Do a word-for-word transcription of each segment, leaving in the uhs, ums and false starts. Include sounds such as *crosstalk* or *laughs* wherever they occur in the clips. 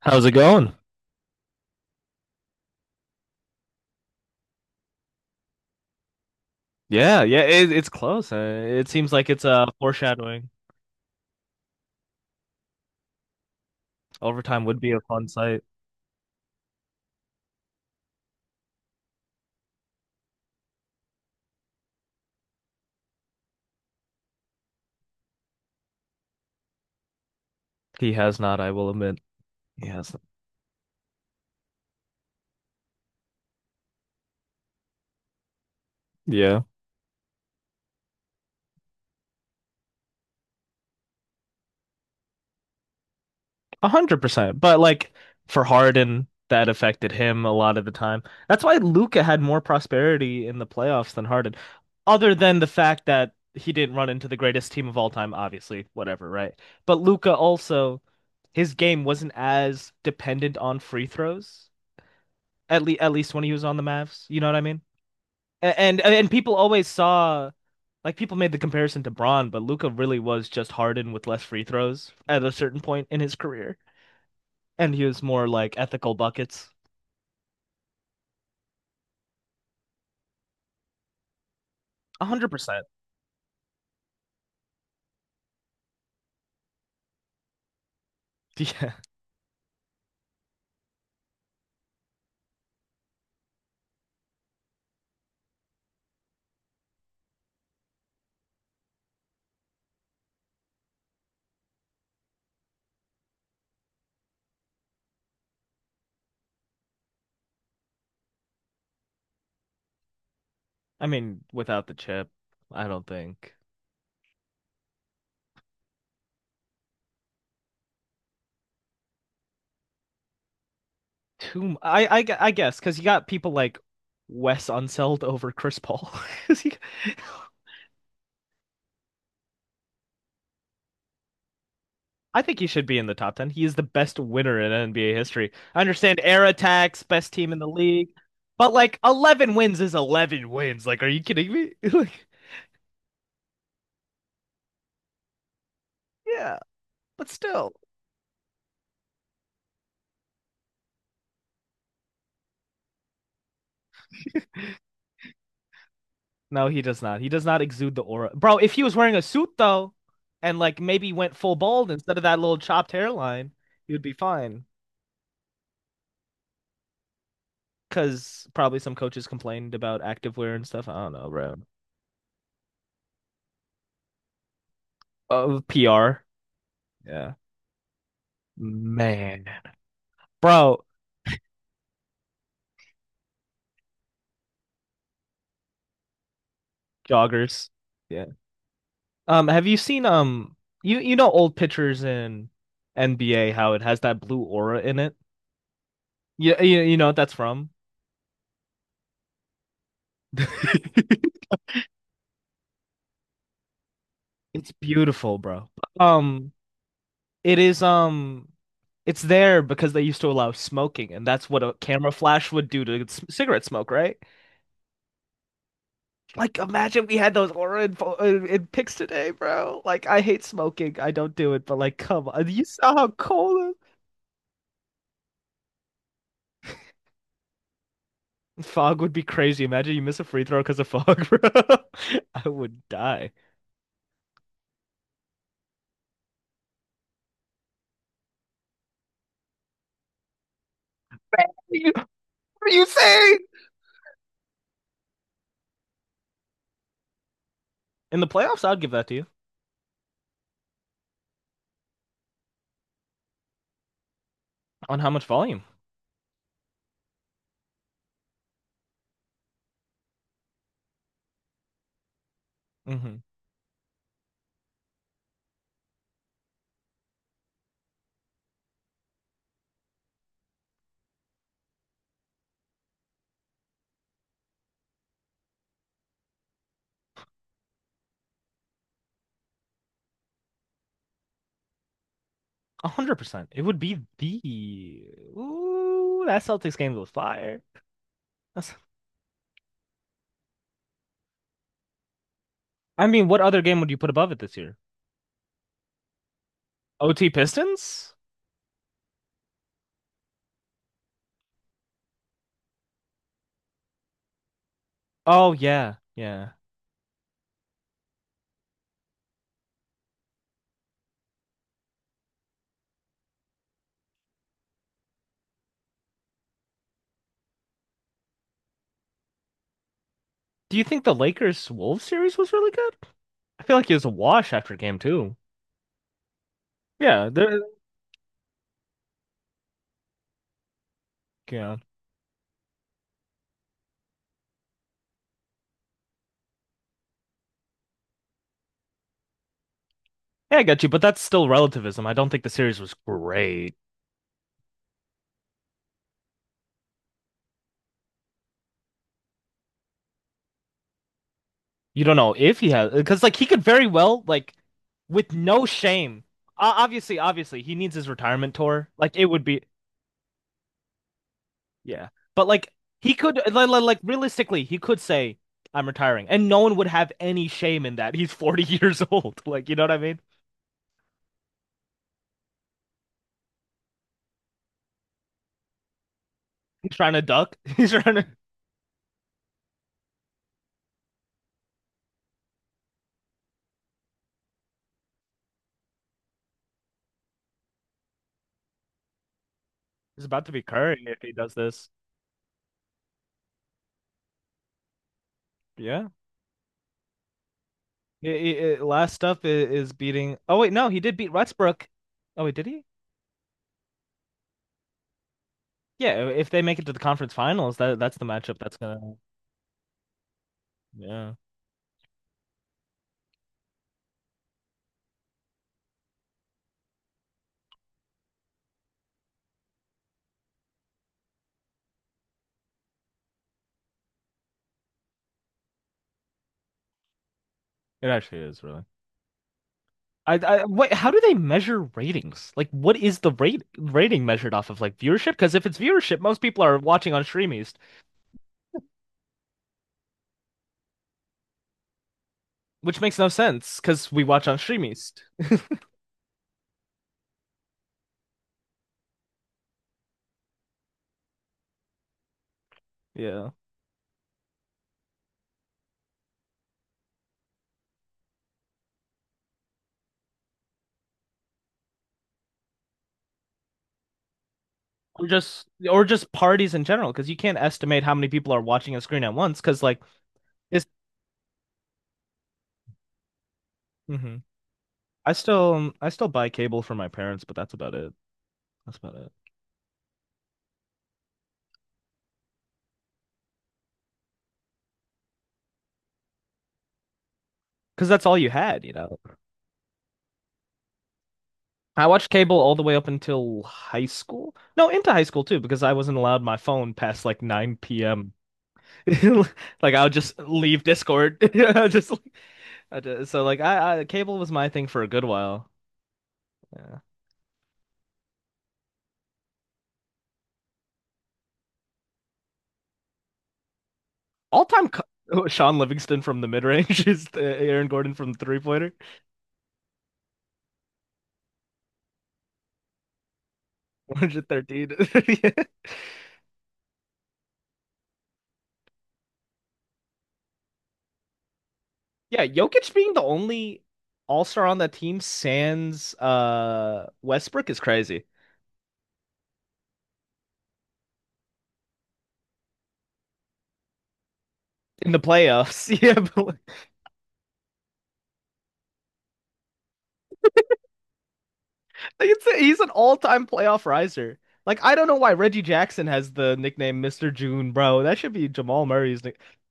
How's it going? Yeah, yeah, it, it's close. Uh, It seems like it's uh foreshadowing. Overtime would be a fun sight. He has not, I will admit. He has not. Yeah, a hundred percent. But like for Harden, that affected him a lot of the time. That's why Luca had more prosperity in the playoffs than Harden, other than the fact that he didn't run into the greatest team of all time, obviously, whatever, right? But Luca also, his game wasn't as dependent on free throws, at le at least when he was on the Mavs. You know what I mean? And and people always saw like people made the comparison to Braun, but Luca really was just Harden with less free throws at a certain point in his career, and he was more like ethical buckets. A hundred percent. *laughs* Yeah, I mean, without the chip, I don't think too. m- I I gu- I guess because you got people like Wes Unseld over Chris Paul. *laughs* you- I think he should be in the top ten. He is the best winner in N B A history. I understand air attacks, best team in the league, but like eleven wins is eleven wins. Like, are you kidding me? *laughs* Like, yeah, but still. No, he does not. He does not exude the aura. Bro, if he was wearing a suit though, and like maybe went full bald instead of that little chopped hairline, he would be fine. Because probably some coaches complained about activewear and stuff. I don't know, bro. Uh, P R. Yeah. Man. Bro, joggers. Yeah. Um, have you seen um you you know old pictures in N B A how it has that blue aura in it? Yeah, you, you know what that's from? *laughs* It's beautiful, bro. Um, it is um it's there because they used to allow smoking and that's what a camera flash would do to c- cigarette smoke, right? Like imagine we had those aura in, pho- in, in pics today, bro. Like I hate smoking. I don't do it, but like come on. You saw how cold. Fog would be crazy. Imagine you miss a free throw because of fog, bro. *laughs* I would die. What are you saying? In the playoffs, I'd give that to you on how much volume. Mm-hmm. one hundred percent. It would be the. Ooh, that Celtics game was fire. That's. I mean, what other game would you put above it this year? O T Pistons? Oh, yeah. Yeah. Do you think the Lakers Wolves series was really good? I feel like it was a wash after game two. Yeah. they're- Yeah. Yeah, I got you, but that's still relativism. I don't think the series was great. You don't know if he has, because like he could very well like with no shame. Uh, obviously, obviously he needs his retirement tour. Like it would be, yeah. But like he could like, like realistically he could say I'm retiring, and no one would have any shame in that. He's forty years old. *laughs* Like you know what I mean? He's trying to duck. *laughs* He's trying to. He's about to be Curry if he does this. Yeah. It, it- it- last up i- is beating. Oh wait, no, he did beat Westbrook. Oh wait, did he? Yeah. If they make it to the conference finals, that that's the matchup that's gonna. Yeah. It actually is really. I, I wait, how do they measure ratings? Like, what is the rate rating measured off of like viewership? Because if it's viewership, most people are watching on Streameast, which makes no sense because we watch on Streameast. Yeah. Or just or just parties in general, because you can't estimate how many people are watching a screen at once. Because like it's. hmm I still I still buy cable from my parents, but that's about it. That's about it. Because that's all you had, you know. I watched cable all the way up until high school. No, into high school too, because I wasn't allowed my phone past like nine p m *laughs* Like I would just leave Discord. *laughs* I Just, I just so like I, I cable was my thing for a good while. Yeah. All-time co. Sean *laughs* Livingston from the mid-range *laughs* is uh, Aaron Gordon from the three-pointer. one thirteen. *laughs* Yeah, yeah, Jokic being the only all-star on that team sans uh Westbrook is crazy. In the playoffs. *laughs* Yeah, but like, It's a, he's an all-time playoff riser. Like I don't know why Reggie Jackson has the nickname Mister June, bro. That should be Jamal Murray's nick. *laughs*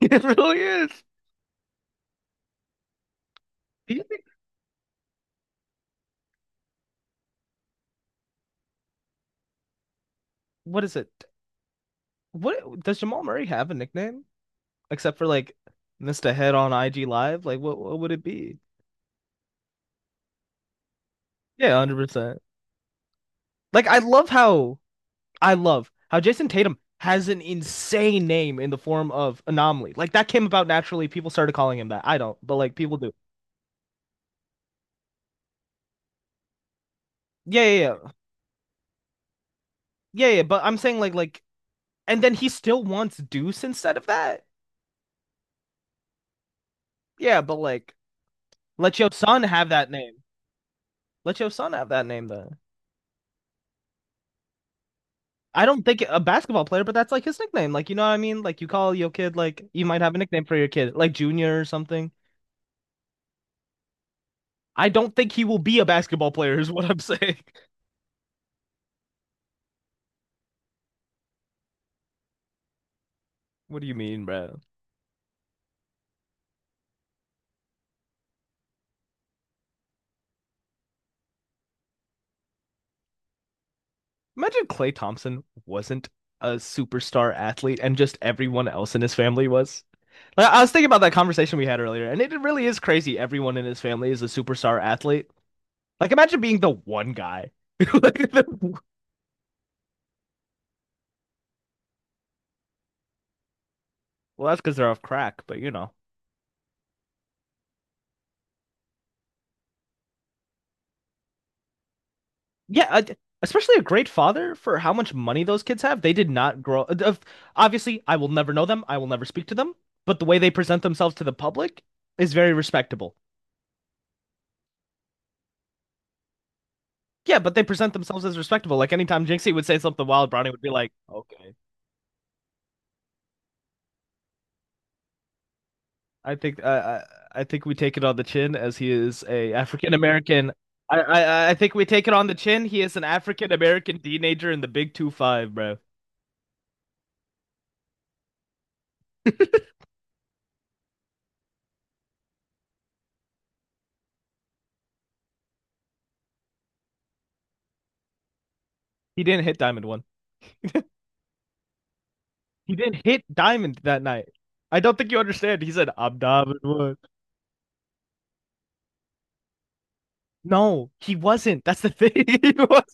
It really is. He- What is it? What does Jamal Murray have a nickname except for like Mister Head on I G Live? Like what what would it be? Yeah, one hundred percent. Like I love how I love how Jason Tatum has an insane name in the form of Anomaly. Like that came about naturally. People started calling him that. I don't, but like people do. Yeah, yeah, yeah. Yeah, yeah, but I'm saying like like and then he still wants Deuce instead of that. Yeah, but like, let your son have that name. Let your son have that name then. I don't think a basketball player, but that's like his nickname. Like, you know what I mean? Like, you call your kid, like, you might have a nickname for your kid, like Junior or something. I don't think he will be a basketball player, is what I'm saying. *laughs* what do you mean, bro? Imagine Clay Thompson wasn't a superstar athlete and just everyone else in his family was. Like, I was thinking about that conversation we had earlier, and it really is crazy. Everyone in his family is a superstar athlete. Like, imagine being the one guy. *laughs* Like, the- Well, that's because they're off crack, but you know. yeah, I- Especially a great father for how much money those kids have. They did not grow. uh, Obviously, I will never know them. I will never speak to them. But the way they present themselves to the public is very respectable. Yeah, but they present themselves as respectable. Like anytime Jinxie would say something wild, Brownie would be like, "Okay, I think uh, I I think we take it on the chin as he is a African American." I, I I think we take it on the chin. He is an African American teenager in the Big Two Five, bro. He didn't hit Diamond one. He didn't hit Diamond that night. I don't think you understand. He said, I'm Diamond one. No, he wasn't. That's the thing. *laughs* He was.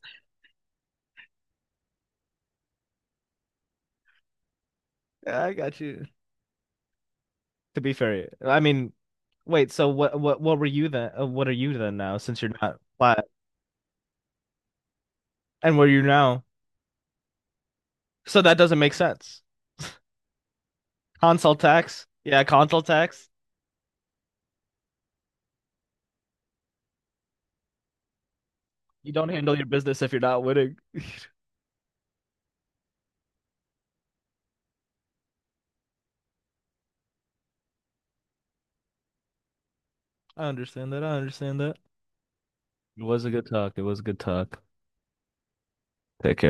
I got you. To be fair, I mean, wait, so what what what were you then? uh, What are you then now since you're not flat and where you now? So that doesn't make sense. *laughs* Console tax. Yeah, console tax. You don't handle your business if you're not winning. I understand that. I understand that. It was a good talk. It was a good talk. Take care.